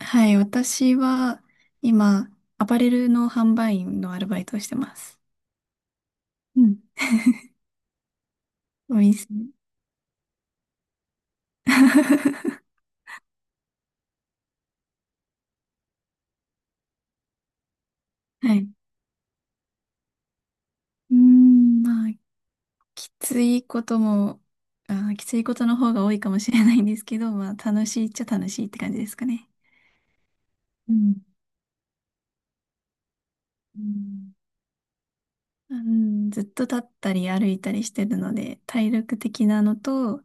はい、私は今、アパレルの販売員のアルバイトをしてます。うん。お店。はい。まあ、きついことも、きついことの方が多いかもしれないんですけど、まあ、楽しいっちゃ楽しいって感じですかね。うん、うん、うん。ずっと立ったり歩いたりしてるので、体力的なのと、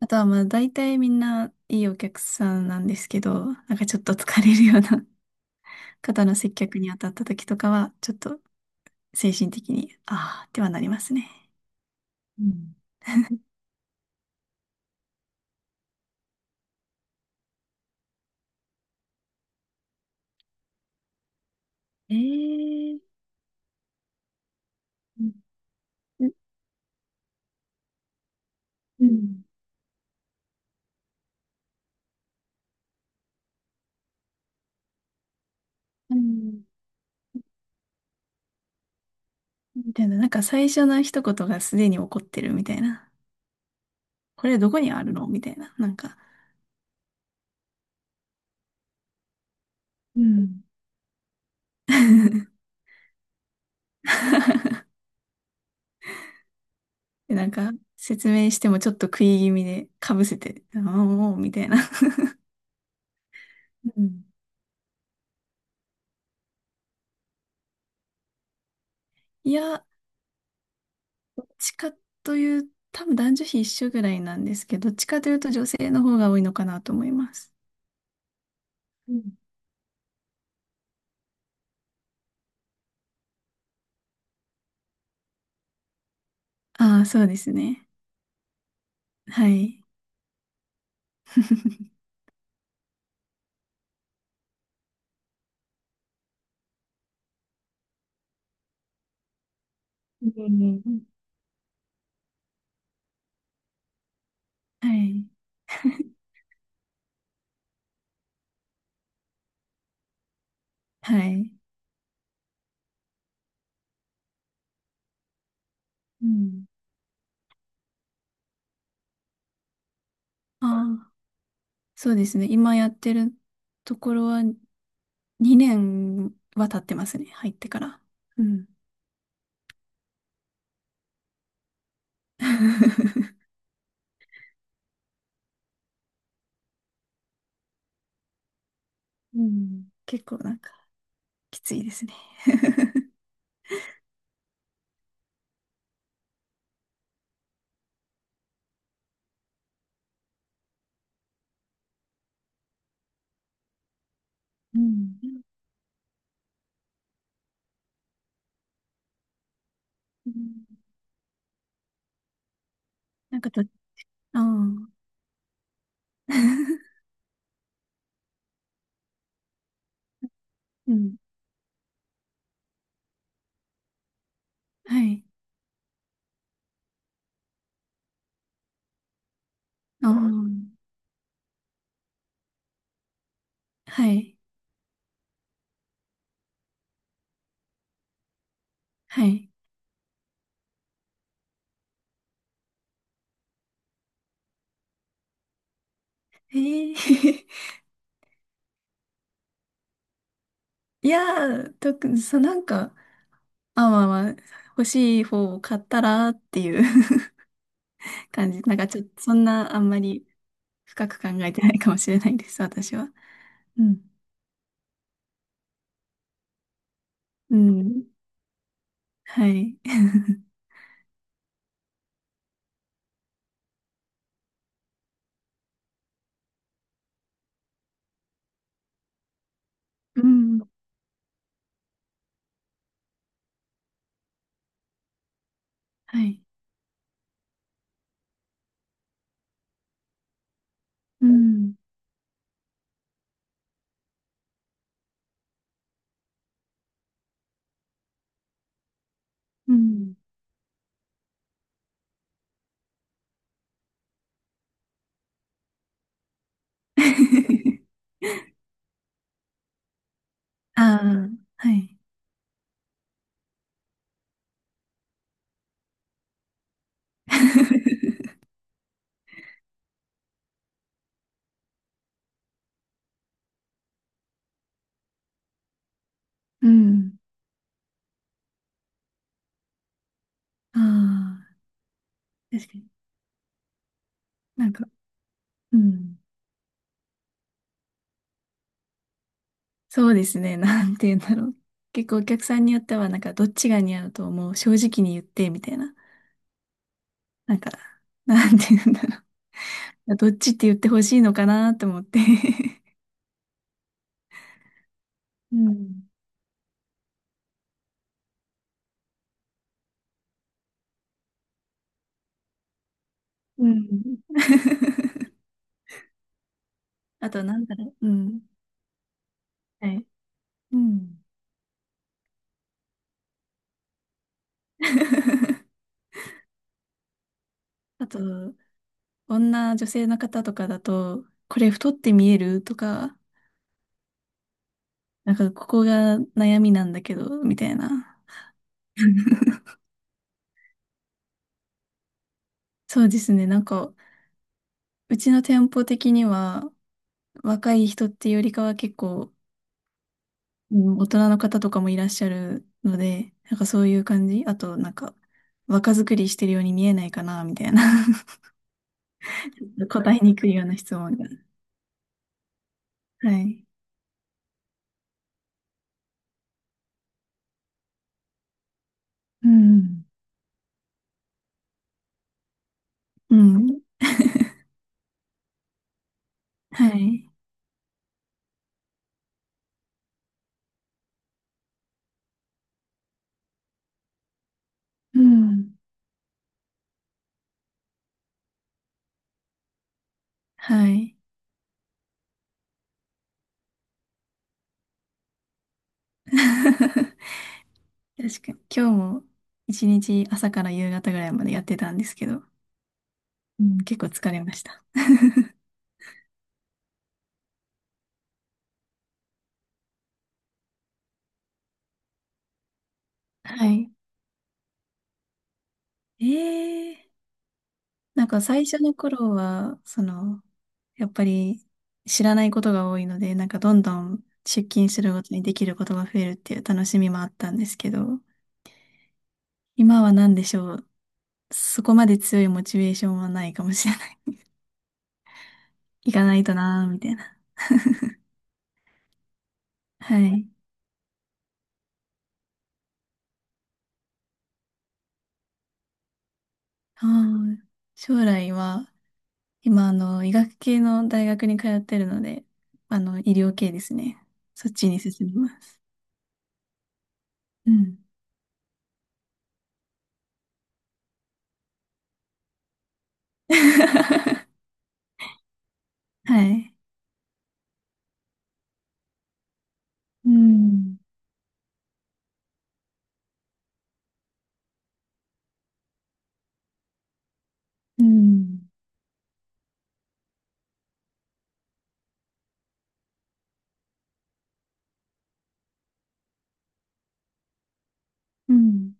あとはまあ、大体みんないいお客さんなんですけど、なんかちょっと疲れるような肩の接客に当たった時とかは、ちょっと精神的に、ああ、ってはなりますね。うん。えー、うんう、ん、うん。みたいな、なんか最初の一言がすでに起こってるみたいな。これどこにあるのみたいな。なんか、うん。で、なんか説明してもちょっと食い気味でかぶせて、ああ、もう、みたいな。うん。いや、どっちかという、多分男女比一緒ぐらいなんですけど、どっちかというと女性の方が多いのかなと思います。ああ、そうですね。はい。うん。はい。はい。うん。ああ、そうですね。今やってるところは2年は経ってますね。入ってから。うん。うん。結構なんかきついですね。うん。うん。なんかと、ああ。うん。はい。ああ。はい。はい。ええ。 いやー、特に、そう、なんか、まあ、まあまあ、欲しい方を買ったらっていう 感じ。なんかちょっと、そんなあんまり深く考えてないかもしれないです、私は。うん。うん。はい。うん。はい。うん。うん。ああ、はい。うん。ああ、確かに。なんか、うん。そうですね。なんて言うんだろう。結構お客さんによっては、なんか、どっちが似合うと思う。正直に言って、みたいな。なんか、なんて言うんだろう。どっちって言ってほしいのかなって思って。 うん。うん。あと、なんだろう。うん。はい。うん。あと、女性の方とかだと、これ太って見えるとか、なんかここが悩みなんだけど、みたいな。そうですね。なんか、うちの店舗的には、若い人っていうよりかは結構、うん、大人の方とかもいらっしゃるので、なんかそういう感じ。あと、なんか、若作りしてるように見えないかな、みたいな。 答えにくいような質問が。はい。うん。うん。はい。うん。はい。確かに。今日も一日朝から夕方ぐらいまでやってたんですけど、うん、結構疲れました。はい。えー。なんか最初の頃は、その、やっぱり知らないことが多いので、なんかどんどん出勤するごとにできることが増えるっていう楽しみもあったんですけど、今は何でしょう。そこまで強いモチベーションはないかもしれない。行かないとなーみたいな。はい。あー将来は、今、あの、医学系の大学に通ってるので、あの、医療系ですね。そっちに進みます。うん。はい。うん。うん。うん。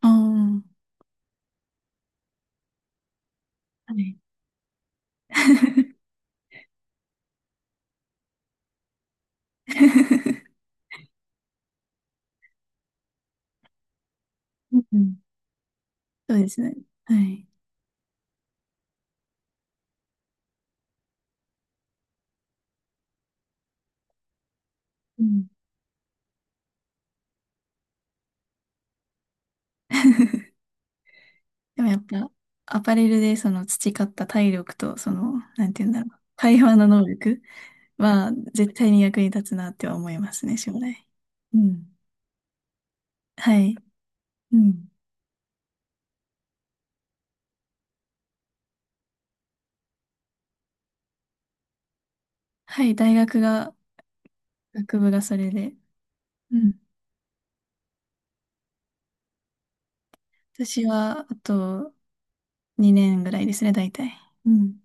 ああ、はい。うん。そうですね。はい。うん。でもやっぱ、アパレルでその培った体力と、その、なんて言うんだろう。会話の能力は絶対に役に立つなっては思いますね、将来。うん。はい。うん。はい、大学が、学部がそれで。うん。私は、あと2年ぐらいですね、大体。うん。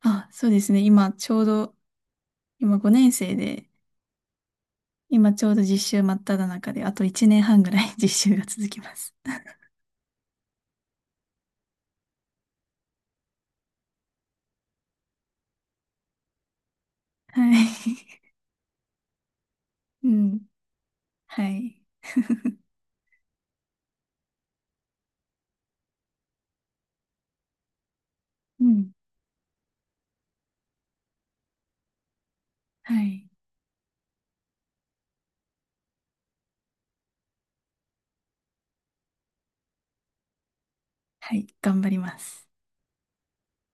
あ、そうですね。今、ちょうど、今5年生で、今ちょうど実習真っ只中で、あと1年半ぐらい 実習が続きます。はい。うん。はい。うん。はい。はい。頑張ります。